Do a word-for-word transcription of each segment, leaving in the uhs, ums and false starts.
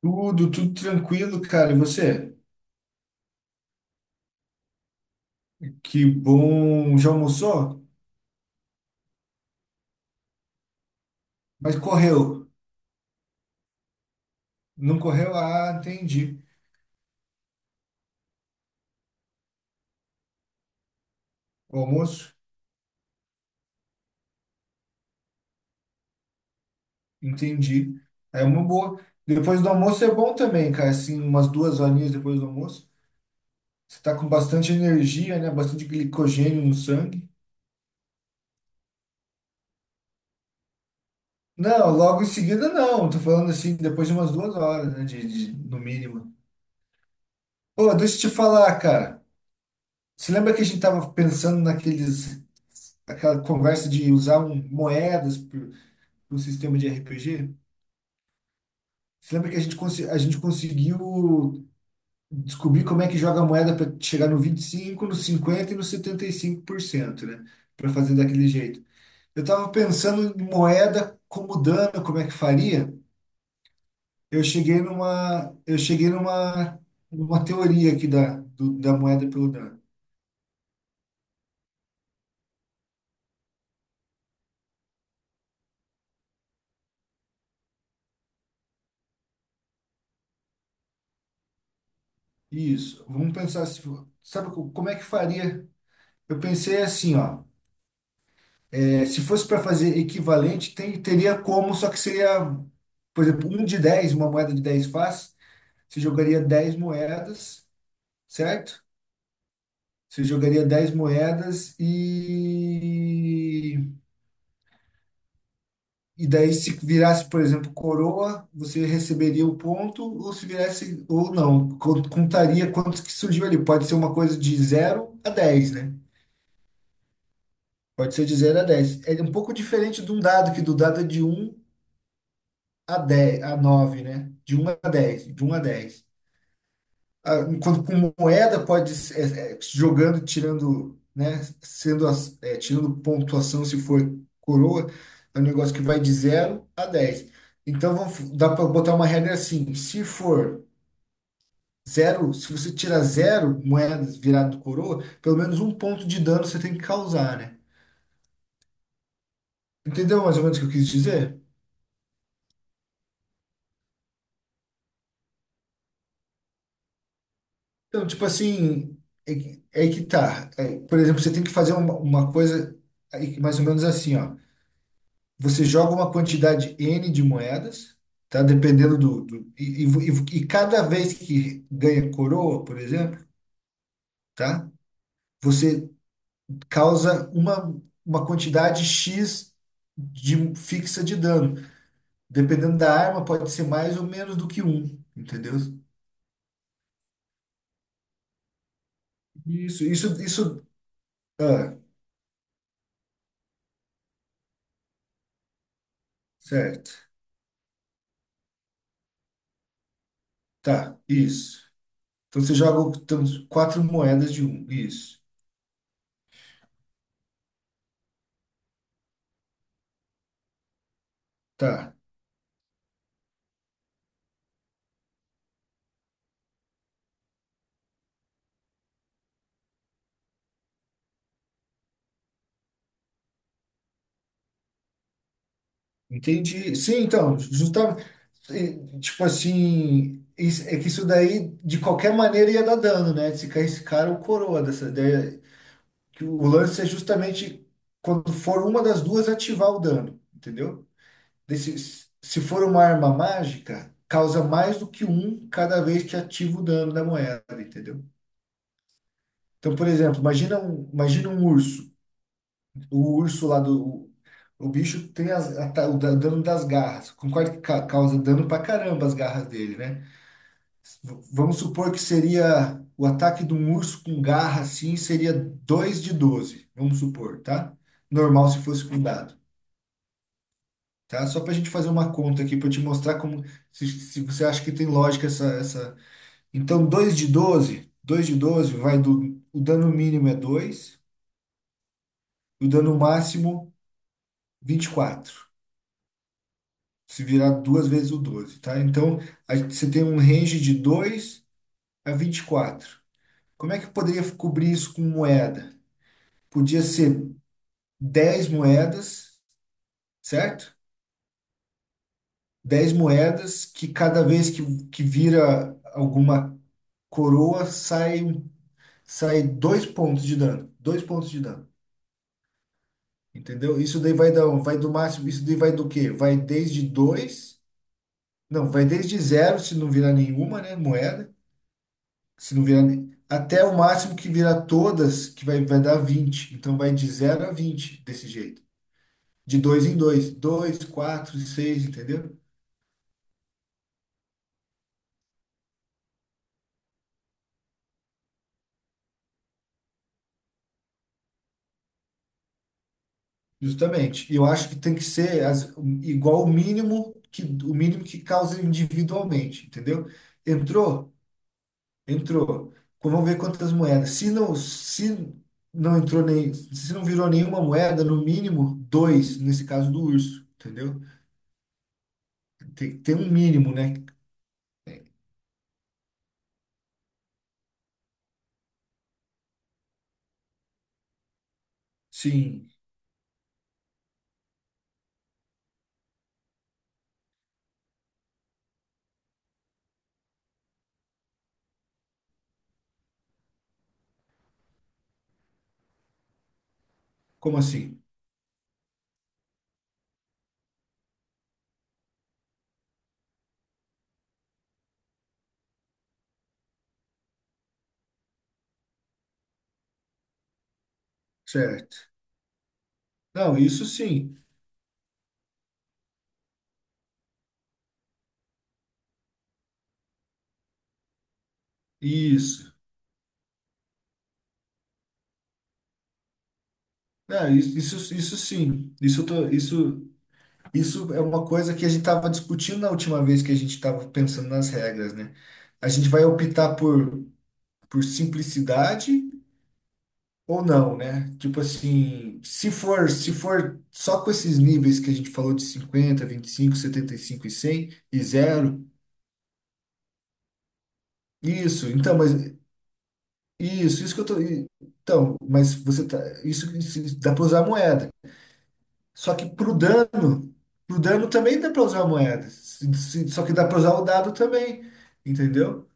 Tudo, tudo tranquilo, cara. E você? Que bom. Já almoçou? Mas correu. Não correu? Ah, entendi. O almoço? Entendi. É uma boa. Depois do almoço é bom também, cara. Assim, umas duas horinhas depois do almoço. Você tá com bastante energia, né? Bastante glicogênio no sangue. Não, logo em seguida não. Tô falando assim, depois de umas duas horas, né? De, de- no mínimo. Pô, deixa eu te falar, cara. Você lembra que a gente tava pensando naqueles, aquela conversa de usar um, moedas um sistema de R P G. Você lembra que a gente, consi- a gente conseguiu descobrir como é que joga a moeda para chegar no vinte e cinco, no cinquenta e no setenta e cinco por cento, né? Para fazer daquele jeito. Eu estava pensando em moeda como dano, como é que faria. Eu cheguei numa, eu cheguei numa, numa teoria aqui da, do- da moeda pelo dano. Isso. Vamos pensar se, sabe co- como é que faria? Eu pensei assim, ó. É, se fosse para fazer equivalente, tem- teria como, só que seria, por exemplo, um de dez, uma moeda de dez faz, você jogaria dez moedas, certo? Você jogaria dez moedas e. E daí, se virasse, por exemplo, coroa, você receberia o ponto, ou se virasse, ou não, co- contaria quantos que surgiu ali. Pode ser uma coisa de zero a dez, né? Pode ser de zero a dez. É um pouco diferente de um dado, que do dado é de um a dez, a nove, né? De um a dez, de um a dez. Ah, enquanto com moeda pode é, é, jogando, tirando, né? Sendo as, é, tirando pontuação se for coroa, é um negócio que vai de zero a dez. Então vamos, dá para botar uma regra assim, se for zero, se você tirar zero moedas virado coroa, pelo menos um ponto de dano você tem que causar, né? Entendeu mais ou menos o que eu quis dizer? Então, tipo assim, é, que é que tá. É, por exemplo, você tem que fazer uma, uma coisa aí, mais ou menos assim, ó. Você joga uma quantidade N de moedas, tá? Dependendo do, do- e, e, e- E cada vez que ganha coroa, por exemplo, tá? Você causa uma, uma quantidade X de fixa de dano. Dependendo da arma, pode ser mais ou menos do que um, entendeu? Isso, isso, isso. Ah, certo. Tá, isso. Então você joga então, quatro moedas de um. Isso. Tá. Entendi. Sim, então, justamente. eh, Tipo assim, isso- é que isso daí, de qualquer maneira, ia dar dano, né? Se caísse cara ou coroa dessa ideia. Que o lance é justamente quando for uma das duas ativar o dano, entendeu? Desse, Se for uma arma mágica, causa mais do que um cada vez que ativa o dano da moeda, entendeu? Então, por exemplo, imagina um, imagina um, urso. O urso lá do. O bicho tem as- a ta- o da- dano das garras. Concordo que ca- causa dano pra caramba as garras dele, né? V- Vamos supor que seria o ataque de um urso com garra assim, seria dois de doze, vamos supor, tá? Normal se fosse com dado, tá? Só pra gente fazer uma conta aqui para te mostrar como se, se você acha que tem lógica essa essa. Então, dois de doze dois de doze vai do, o dano mínimo é dois, o dano máximo vinte e quatro, se virar duas vezes o doze, tá? Então, a gente- você tem um range de dois a vinte e quatro. Como é que eu poderia cobrir isso com moeda? Podia ser dez moedas, certo? Dez moedas que cada vez que, que vira alguma coroa sai, um- sai dois pontos de dano. Dois pontos de dano. Entendeu? Isso daí vai dar, um- vai do máximo, isso daí vai do quê? Vai desde dois? Não, vai desde zero se não virar nenhuma, né, moeda. Se não virar ne- até o máximo que virar todas, que vai, vai dar vinte. Então vai de zero a vinte desse jeito. De dois em dois, dois, quatro, seis, entendeu? Justamente. E eu acho que tem que ser as- igual o mínimo, que o mínimo que causa individualmente, entendeu? Entrou? Entrou. Então, vamos ver quantas moedas. Se não, se não entrou nem, se não virou nenhuma moeda, no mínimo dois, nesse caso do urso, entendeu? Tem, tem um mínimo, né? Sim. Como assim? Certo. Não, isso sim. Isso. Não, isso, isso, isso sim. Isso, eu tô, isso, isso é uma coisa que a gente estava discutindo na última vez que a gente estava pensando nas regras, né? A gente vai optar por, por simplicidade ou não, né? Tipo assim, se for, se for só com esses níveis que a gente falou de cinquenta, vinte e cinco, setenta e cem, e cem e zero, isso. Então, mas isso, isso que eu tô. Então, mas você tá. Isso, isso dá para usar a moeda. Só que pro dano, pro dano também dá para usar a moeda. Se- se- Só que dá para usar o dado também, entendeu?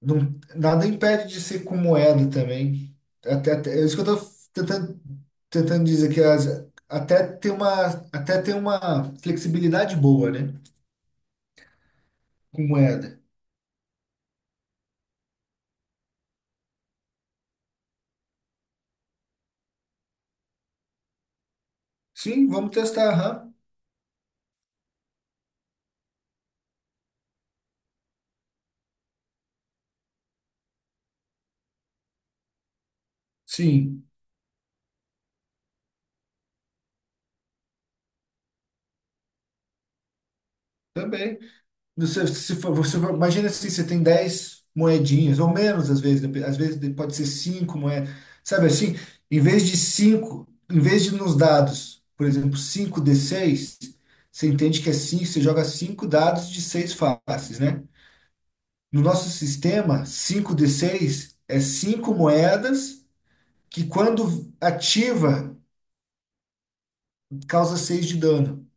Não- nada impede de ser com moeda também. Até, até- é isso que eu tô tentando, tentando dizer que as- até tem uma, até tem uma flexibilidade boa, né? Com moeda. Sim, vamos testar, aham. Sim, também. Você, se for, você, imagina assim, você tem dez moedinhas, ou menos às vezes, dep- às vezes pode ser cinco moedas, sabe assim? Em vez de cinco, em vez de nos dados, por exemplo, cinco d seis, você entende que é cinco, você joga cinco dados de seis faces, né? No nosso sistema, cinco d seis é cinco moedas que quando ativa, causa seis de dano,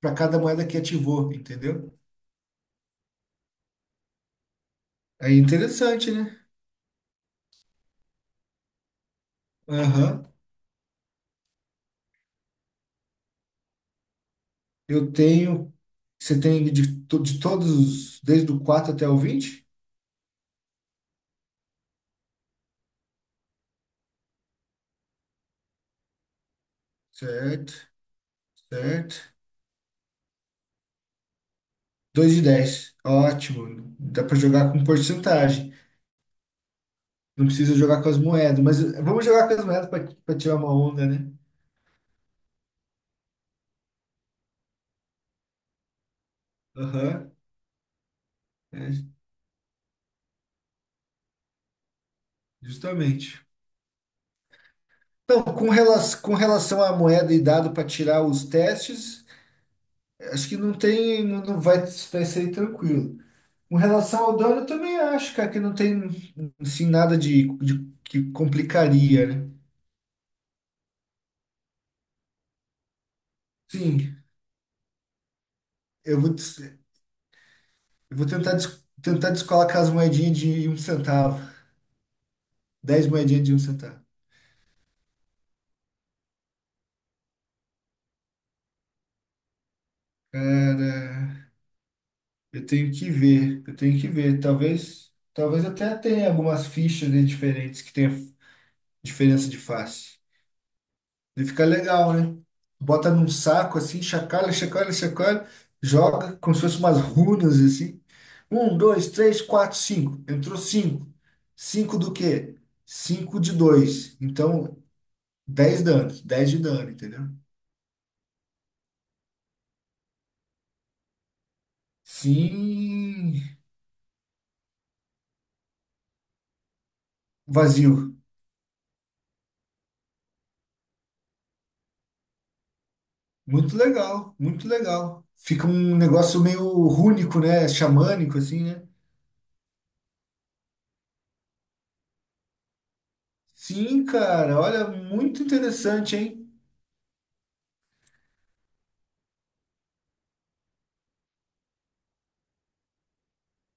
para cada moeda que ativou, entendeu? É interessante, né? Aham. Eu tenho. Você tem de, to- de todos, os- desde o quatro até o vinte. Certo, certo, dois de dez. Ótimo. Dá para jogar com porcentagem. Não precisa jogar com as moedas. Mas eh, vamos jogar com as moedas para tirar uma onda, né? Aham. É, justamente. Então, com, rela com relação à moeda e dado para tirar os testes, acho que não tem. Não, não vai, vai ser tranquilo. Com relação ao dano, eu também acho, cara, que não tem assim, nada de, de- que complicaria, né? Sim, eu vou, des- eu vou tentar, des- tentar descolar com as moedinhas de um centavo. Dez moedinhas de um centavo. Cara, eu tenho que ver, eu tenho que ver. Talvez, talvez até tenha algumas fichas, né, diferentes que tenha diferença de face. E fica legal, né? Bota num saco assim, chacalha, chacalha, chacalha, joga como se fosse umas runas assim. Um, dois, três, quatro, cinco. Entrou cinco. Cinco do quê? Cinco de dois. Então, dez danos, dez de dano, entendeu? Sim, vazio. Muito legal, muito legal. Fica um negócio meio rúnico, né? Xamânico, assim, né? Sim, cara, olha, muito interessante, hein?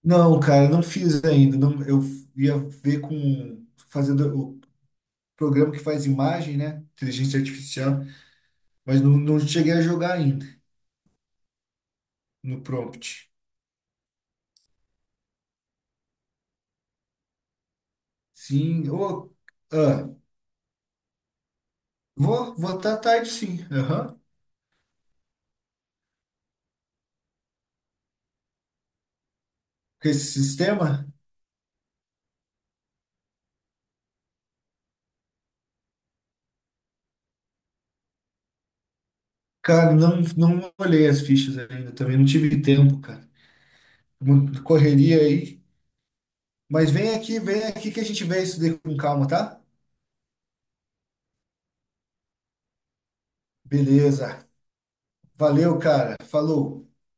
Não, cara, não fiz ainda. Não, eu ia ver com fazendo o programa que faz imagem, né? Inteligência artificial, mas não, não cheguei a jogar ainda no prompt. Sim, ô, ah, vou votar tarde, sim. Aham. Porque esse sistema, cara, não, não olhei as fichas ainda também, não tive tempo, cara. Mu- Correria aí. Mas vem aqui, vem aqui que a gente vê isso daí com calma, tá? Beleza. Valeu, cara. Falou.